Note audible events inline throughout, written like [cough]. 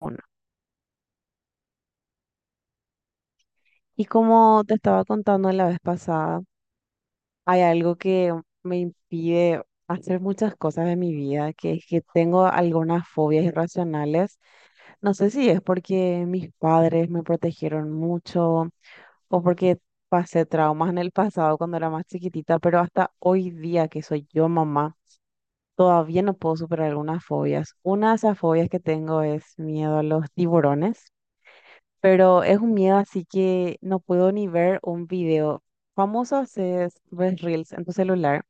Bueno, y como te estaba contando la vez pasada, hay algo que me impide hacer muchas cosas de mi vida, que es que tengo algunas fobias irracionales. No sé si es porque mis padres me protegieron mucho o porque pasé traumas en el pasado cuando era más chiquitita, pero hasta hoy día que soy yo mamá, todavía no puedo superar algunas fobias. Una de esas fobias que tengo es miedo a los tiburones, pero es un miedo así que no puedo ni ver un video. Famoso es, ves Reels en tu celular,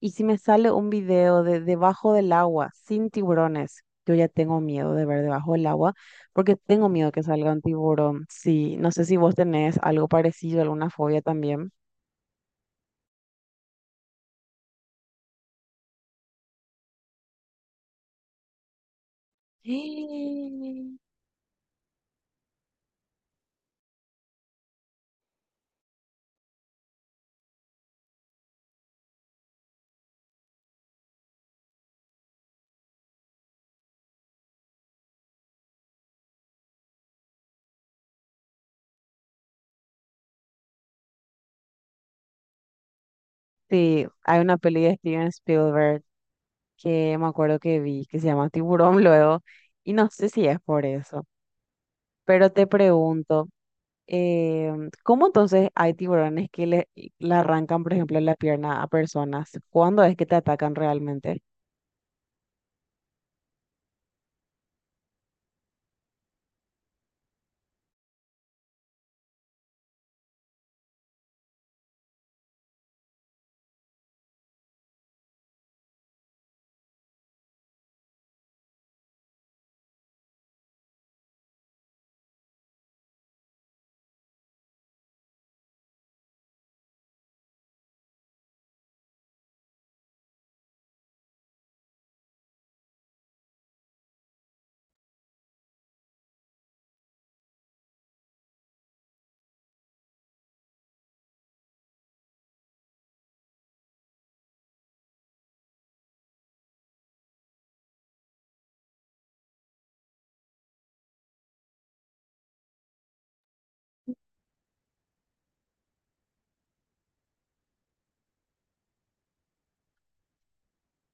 y si me sale un video de debajo del agua sin tiburones, yo ya tengo miedo de ver debajo del agua porque tengo miedo que salga un tiburón. Sí, no sé si vos tenés algo parecido, alguna fobia también. [gasps] Sí, sí, hay una peli de Steven Spielberg que me acuerdo que vi, que se llama Tiburón, luego, y no sé si es por eso, pero te pregunto. Eh, ¿Cómo entonces hay tiburones que le arrancan, por ejemplo, la pierna a personas? ¿Cuándo es que te atacan realmente?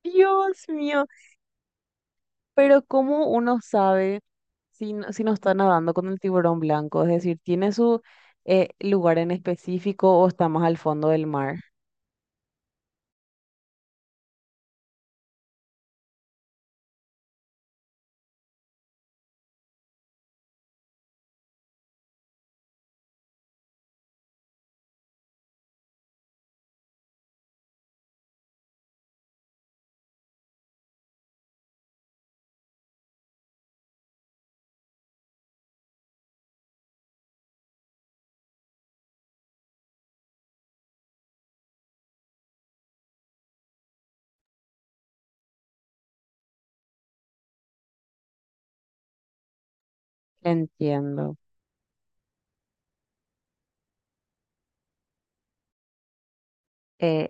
Dios mío, pero ¿cómo uno sabe si, si no está nadando con el tiburón blanco? Es decir, ¿tiene su lugar en específico o está más al fondo del mar? Entiendo. Eh,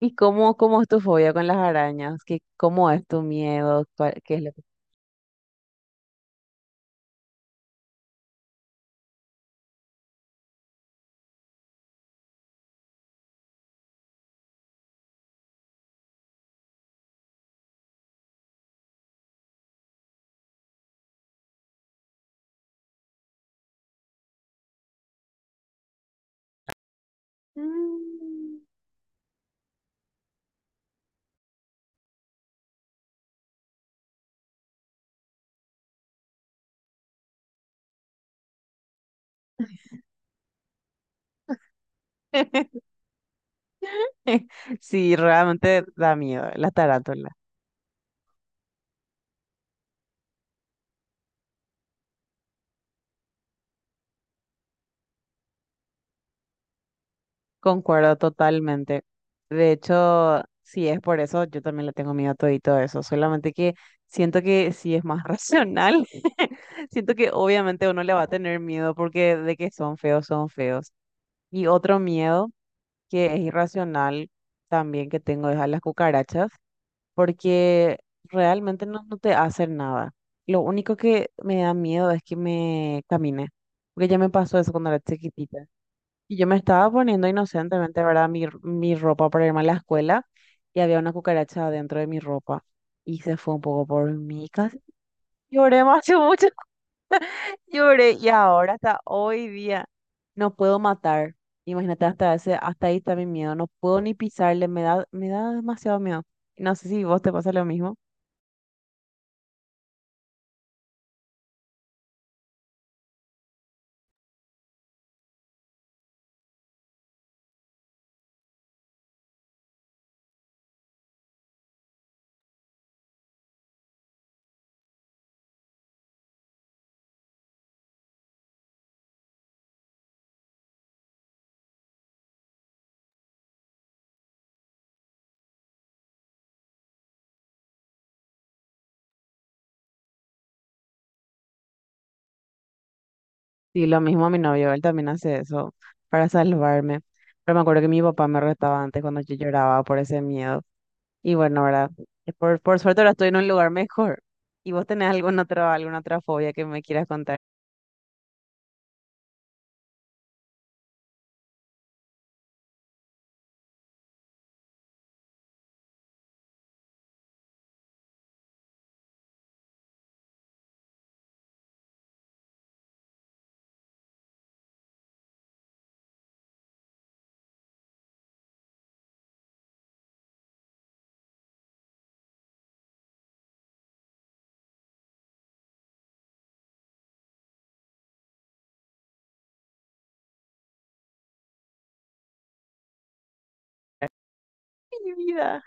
¿Y cómo es tu fobia con las arañas? ¿Qué, cómo es tu miedo? Qué es lo que...? Mm. [laughs] Sí, realmente da miedo, las tarántulas. Concuerdo totalmente. De hecho, si es por eso, yo también le tengo miedo a todo y todo eso. Solamente que siento que sí es más [laughs] racional. [laughs] Siento que obviamente uno le va a tener miedo porque de que son feos, son feos. Y otro miedo que es irracional también que tengo es a las cucarachas, porque realmente no, no te hacen nada. Lo único que me da miedo es que me camine, porque ya me pasó eso cuando era chiquitita. Y yo me estaba poniendo inocentemente, ¿verdad? Mi ropa para irme a la escuela, y había una cucaracha dentro de mi ropa y se fue un poco por mi casa. Lloré más, que mucho, [laughs] lloré, y ahora hasta hoy día no puedo matar. Imagínate, hasta ese, hasta ahí está mi miedo. No puedo ni pisarle, me da demasiado miedo. No sé si vos te pasa lo mismo. Sí, lo mismo a mi novio, él también hace eso para salvarme. Pero me acuerdo que mi papá me retaba antes cuando yo lloraba por ese miedo. Y bueno, ¿verdad? Por suerte ahora estoy en un lugar mejor. ¿Y vos tenés alguna otra fobia que me quieras contar? Mi vida.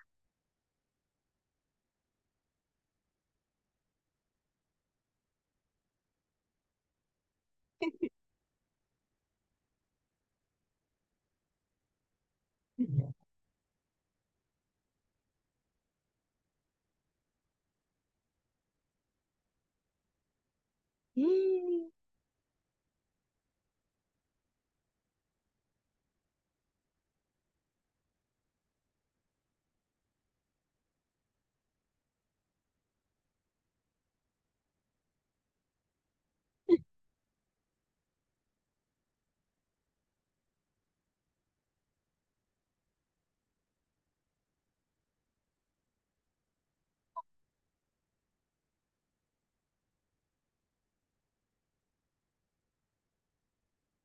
[laughs] Y,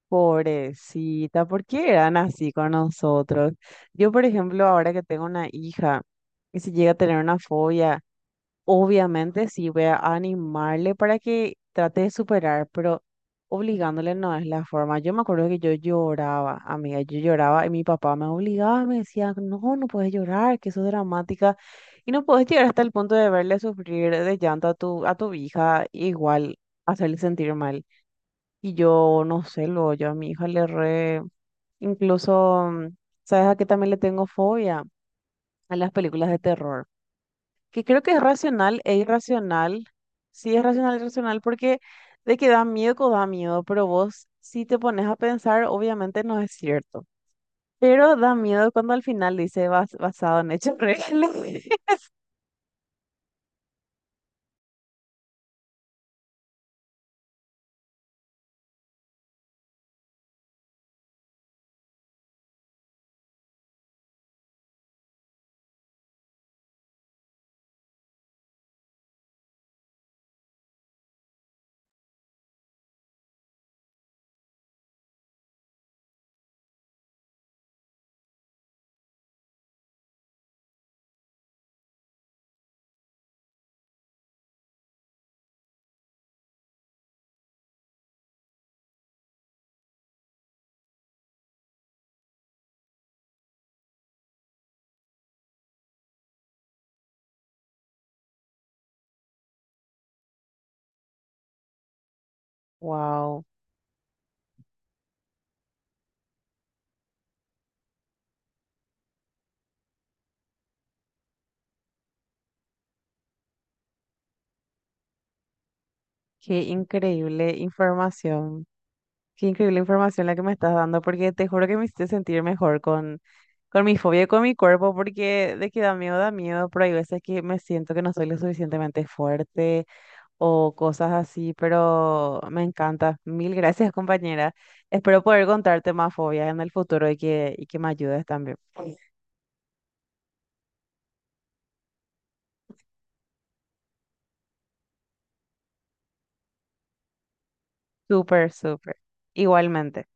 Pobrecita, ¿por qué eran así con nosotros? Yo, por ejemplo, ahora que tengo una hija, y si llega a tener una fobia, obviamente sí voy a animarle para que trate de superar, pero obligándole no es la forma. Yo me acuerdo que yo lloraba, amiga, yo lloraba y mi papá me obligaba, me decía, no, no puedes llorar, que eso es dramática. Y no puedes llegar hasta el punto de verle sufrir de llanto a tu hija, igual hacerle sentir mal. Y yo, no sé, luego yo a mi hija le re. Incluso, ¿sabes a qué también le tengo fobia? A las películas de terror, que creo que es racional e irracional. Sí, es racional e irracional porque de que da miedo, da miedo, pero vos si te pones a pensar, obviamente no es cierto. Pero da miedo cuando al final dice basado en hechos reales. [laughs] Wow, qué increíble información. Qué increíble información la que me estás dando, porque te juro que me hiciste sentir mejor con mi fobia y con mi cuerpo, porque de que da miedo, pero hay veces que me siento que no soy lo suficientemente fuerte o cosas así, pero me encanta. Mil gracias, compañera. Espero poder contarte más fobias en el futuro y que me ayudes también. Súper, súper. Igualmente.